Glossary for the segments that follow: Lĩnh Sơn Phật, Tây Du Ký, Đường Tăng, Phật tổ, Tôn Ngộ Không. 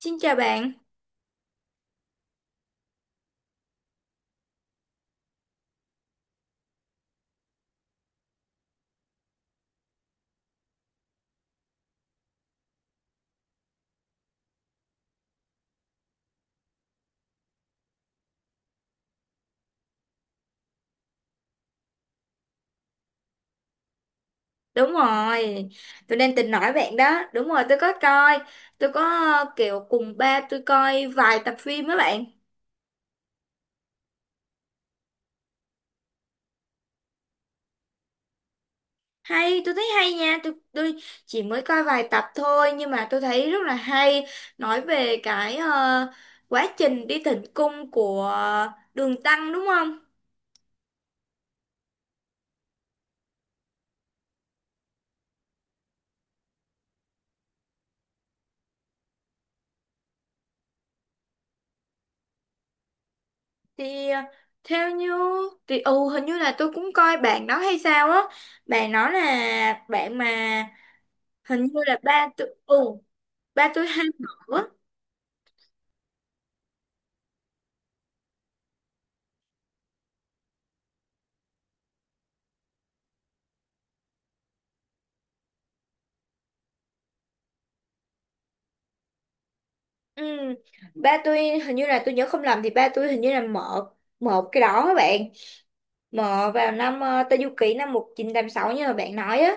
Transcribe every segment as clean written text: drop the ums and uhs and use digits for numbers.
Xin chào bạn. Đúng rồi, tôi đang tính nói bạn đó. Đúng rồi, tôi có coi. Tôi có kiểu cùng ba tôi coi vài tập phim với bạn. Hay, tôi thấy hay nha. Tôi chỉ mới coi vài tập thôi nhưng mà tôi thấy rất là hay. Nói về cái quá trình đi thỉnh cung của Đường Tăng đúng không? Thì theo như thì ừ hình như là tôi cũng coi bạn đó hay sao á. Bạn nói là bạn mà hình như là ba tôi hay mở. Ừ. Ba tôi hình như là tôi nhớ không lầm thì ba tôi hình như là mở một cái đó các bạn, mở vào năm Tây Du Ký năm 1986 như là bạn nói á.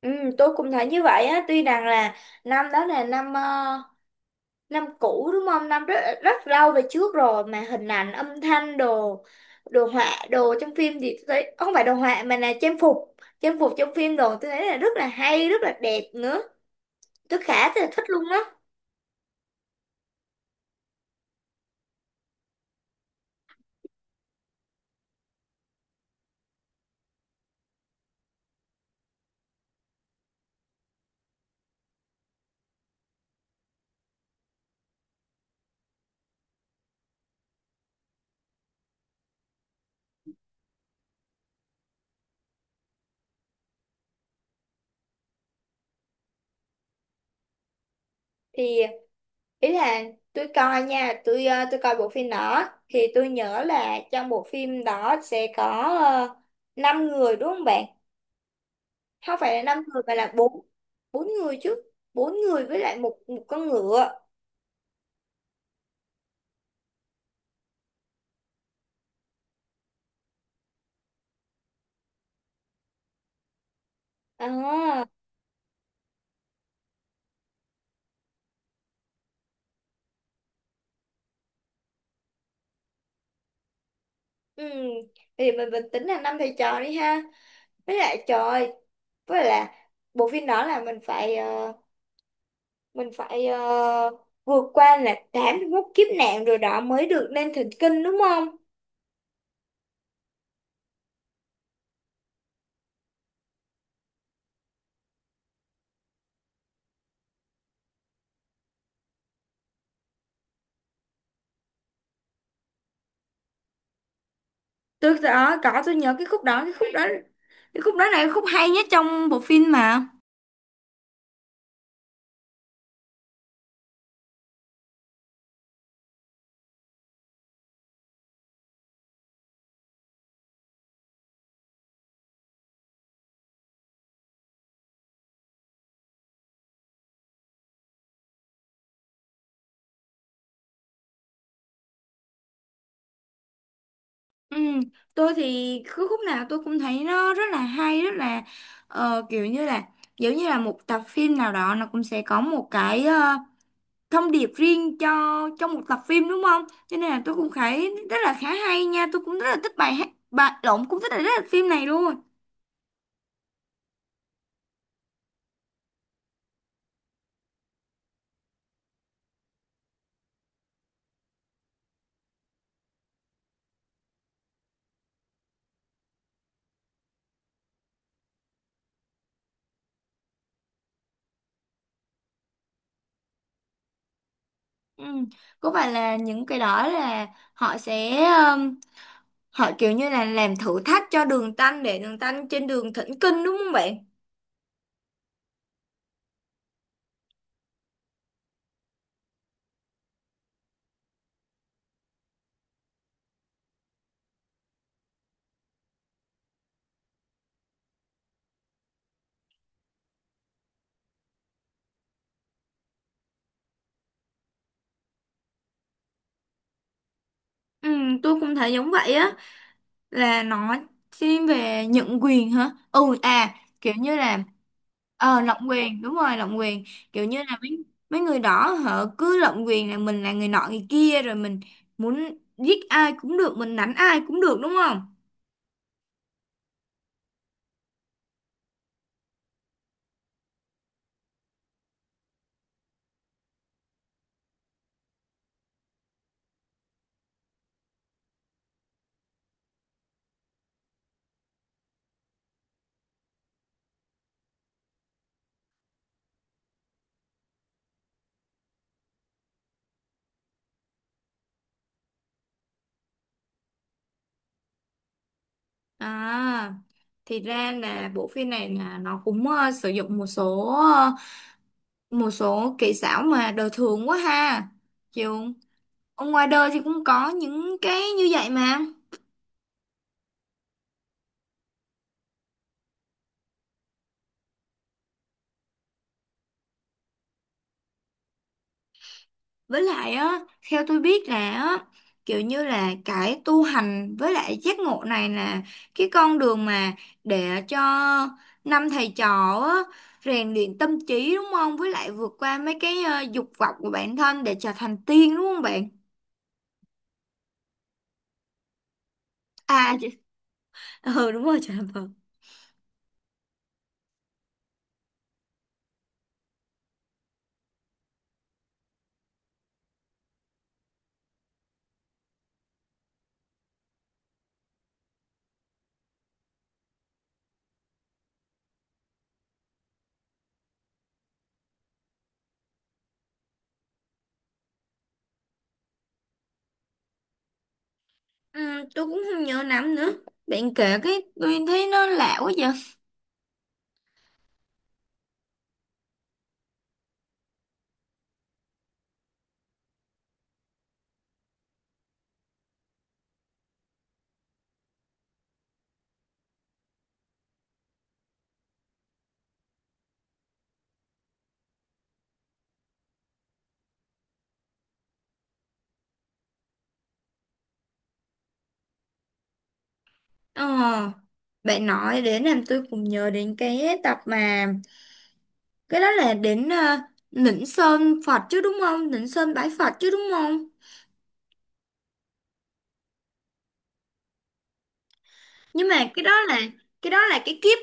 Ừ, tôi cũng thấy như vậy á, tuy rằng là năm đó là năm năm cũ đúng không, năm rất rất lâu về trước rồi mà hình ảnh, âm thanh, đồ đồ họa đồ trong phim thì tôi thấy không phải đồ họa mà là trang phục, trang phục trong phim đồ, tôi thấy là rất là hay, rất là đẹp nữa. Tôi khá là thích luôn á. Thì ý là tôi coi nha, tôi tôi coi bộ phim đó thì tôi nhớ là trong bộ phim đó sẽ có uh, 5 người đúng không bạn? Không phải là 5 người mà là bốn. Bốn người chứ. Bốn người với lại một con ngựa. À, ừ. Thì mình tính là năm thầy trò đi ha. Với lại trời ơi, với lại là bộ phim đó là mình phải mình phải vượt qua là 81 kiếp nạn rồi đó mới được lên thỉnh kinh đúng không? Tôi đó có, tôi nhớ cái khúc đó. Cái khúc đó, cái khúc đó là cái khúc hay nhất trong bộ phim mà. Ừ, tôi thì cứ khúc nào tôi cũng thấy nó rất là hay, rất là kiểu như là, giống như là một tập phim nào đó nó cũng sẽ có một cái thông điệp riêng cho trong một tập phim đúng không, cho nên là tôi cũng thấy rất là khá hay nha. Tôi cũng rất là thích bài hát, bài lộn, cũng thích là rất là phim này luôn. Ừ. Có phải là những cái đó là họ sẽ, họ kiểu như là làm thử thách cho đường tanh để đường tanh trên đường thỉnh kinh đúng không bạn? Ừ, tôi cũng thấy giống vậy á. Là nó thiên về nhận quyền hả? Ừ, à, kiểu như là ờ lộng quyền. Đúng rồi, lộng quyền. Kiểu như là mấy mấy người đó họ cứ lộng quyền, là mình là người nọ người kia rồi mình muốn giết ai cũng được, mình đánh ai cũng được, đúng không? À, thì ra là bộ phim này là nó cũng sử dụng một số kỹ xảo mà đời thường quá ha. Chịu. Ở ngoài đời thì cũng có những cái như vậy mà. Với lại á, theo tôi biết là á, kiểu như là cái tu hành với lại giác ngộ này là cái con đường mà để cho năm thầy trò á rèn luyện tâm trí đúng không, với lại vượt qua mấy cái dục vọng của bản thân để trở thành tiên đúng không bạn? à chị- ừ đúng rồi, trở thành Phật. Ừ, tôi cũng không nhớ lắm nữa. Bạn kể cái tôi thấy nó lạ quá vậy. Ờ, bạn nói đến làm tôi cũng nhớ đến cái tập mà, cái đó là đến Lĩnh Sơn Phật chứ đúng không? Lĩnh Sơn bái Phật chứ đúng không? Nhưng mà cái đó là cái kiếp,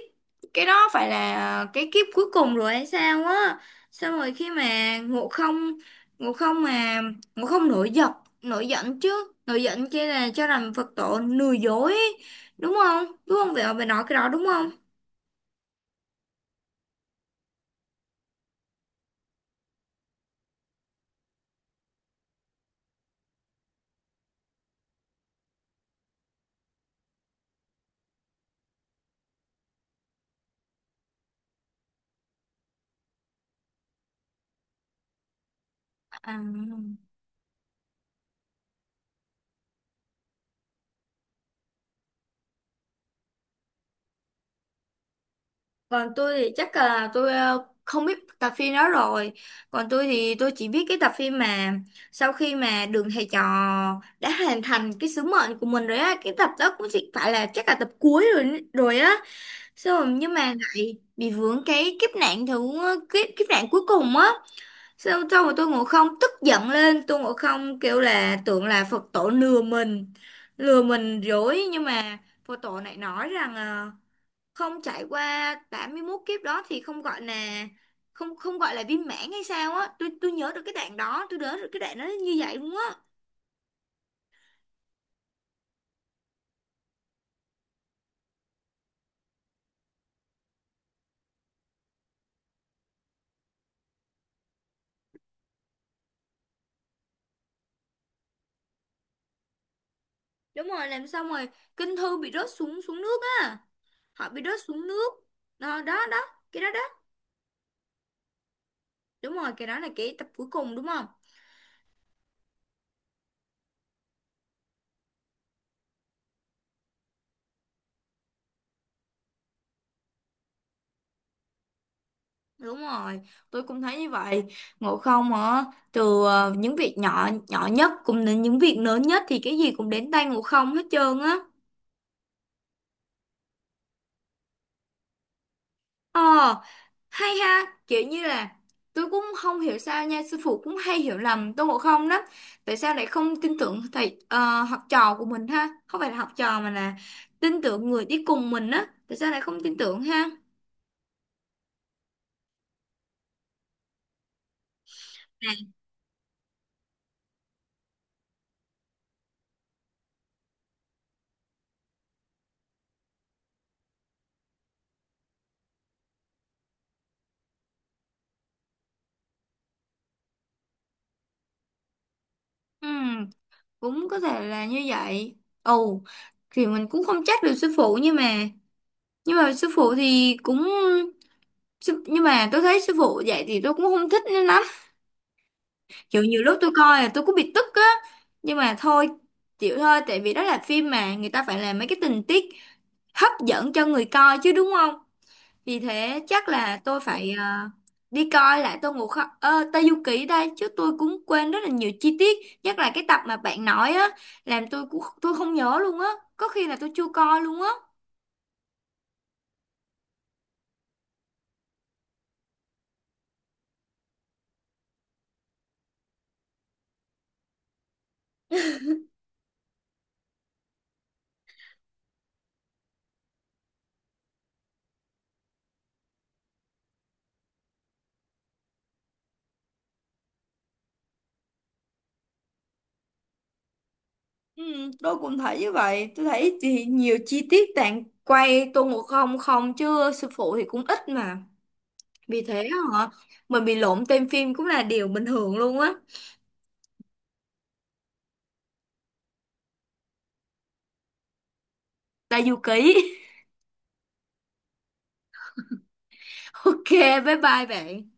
cái đó phải là cái kiếp cuối cùng rồi hay sao á? Xong rồi khi mà Ngộ Không mà Ngộ Không nổi giận, nổi giận chứ, nổi giận kia là cho rằng Phật tổ lừa dối ấy. Đúng không? Đúng không? Vậy mà bạn nói cái đó đúng không? À. Còn tôi thì chắc là tôi không biết tập phim đó rồi. Còn tôi thì tôi chỉ biết cái tập phim mà sau khi mà Đường Thầy Trò đã hoàn thành cái sứ mệnh của mình rồi á, cái tập đó cũng chỉ phải là, chắc là tập cuối rồi rồi á. Xong rồi nhưng mà lại bị vướng cái kiếp nạn thứ, kiếp kiếp nạn cuối cùng á. Xong xong rồi tôi ngồi không tức giận lên, tôi ngồi không kêu là tưởng là Phật tổ lừa mình dối nhưng mà Phật tổ lại nói rằng không trải qua 81 kiếp đó thì không gọi là, không không gọi là viên mãn hay sao á. Tôi nhớ được cái đoạn đó, tôi nhớ được cái đoạn đó như vậy luôn á. Đúng rồi, làm xong rồi kinh thư bị rớt xuống xuống nước á, họ bị rớt xuống nước. Đó đó đó, cái đó đó. Đúng rồi, cái đó là cái tập cuối cùng đúng không? Đúng rồi, tôi cũng thấy như vậy. Ngộ Không hả? Từ những việc nhỏ nhỏ nhất cũng đến những việc lớn nhất thì cái gì cũng đến tay ngộ không hết trơn á. Ờ, hay ha. Kiểu như là tôi cũng không hiểu sao nha, sư phụ cũng hay hiểu lầm Tôn Ngộ Không lắm. Tại sao lại không tin tưởng thầy học trò của mình ha, không phải là học trò mà là tin tưởng người đi cùng mình á, tại sao lại không tin tưởng ha? Ừ, cũng có thể là như vậy. Ồ, thì mình cũng không trách được sư phụ, nhưng mà sư phụ thì cũng nhưng mà tôi thấy sư phụ dạy thì tôi cũng không thích lắm. Kiểu nhiều lúc tôi coi là tôi cũng bị tức á, nhưng mà thôi, chịu thôi tại vì đó là phim mà người ta phải làm mấy cái tình tiết hấp dẫn cho người coi chứ đúng không? Vì thế chắc là tôi phải đi coi lại Tô Ngộ Không, Tây Du Ký đây chứ. Tôi cũng quên rất là nhiều chi tiết, nhất là cái tập mà bạn nói á làm tôi cũng, tôi không nhớ luôn á, có khi là tôi chưa coi luôn á. Ừ, tôi cũng thấy như vậy. Tôi thấy thì nhiều chi tiết bạn quay Tô Ngộ Không không chứ sư phụ thì cũng ít mà. Vì thế hả? Mình bị lộn tên phim cũng là điều bình thường luôn á. Tayuki. Ok, bye bye bạn.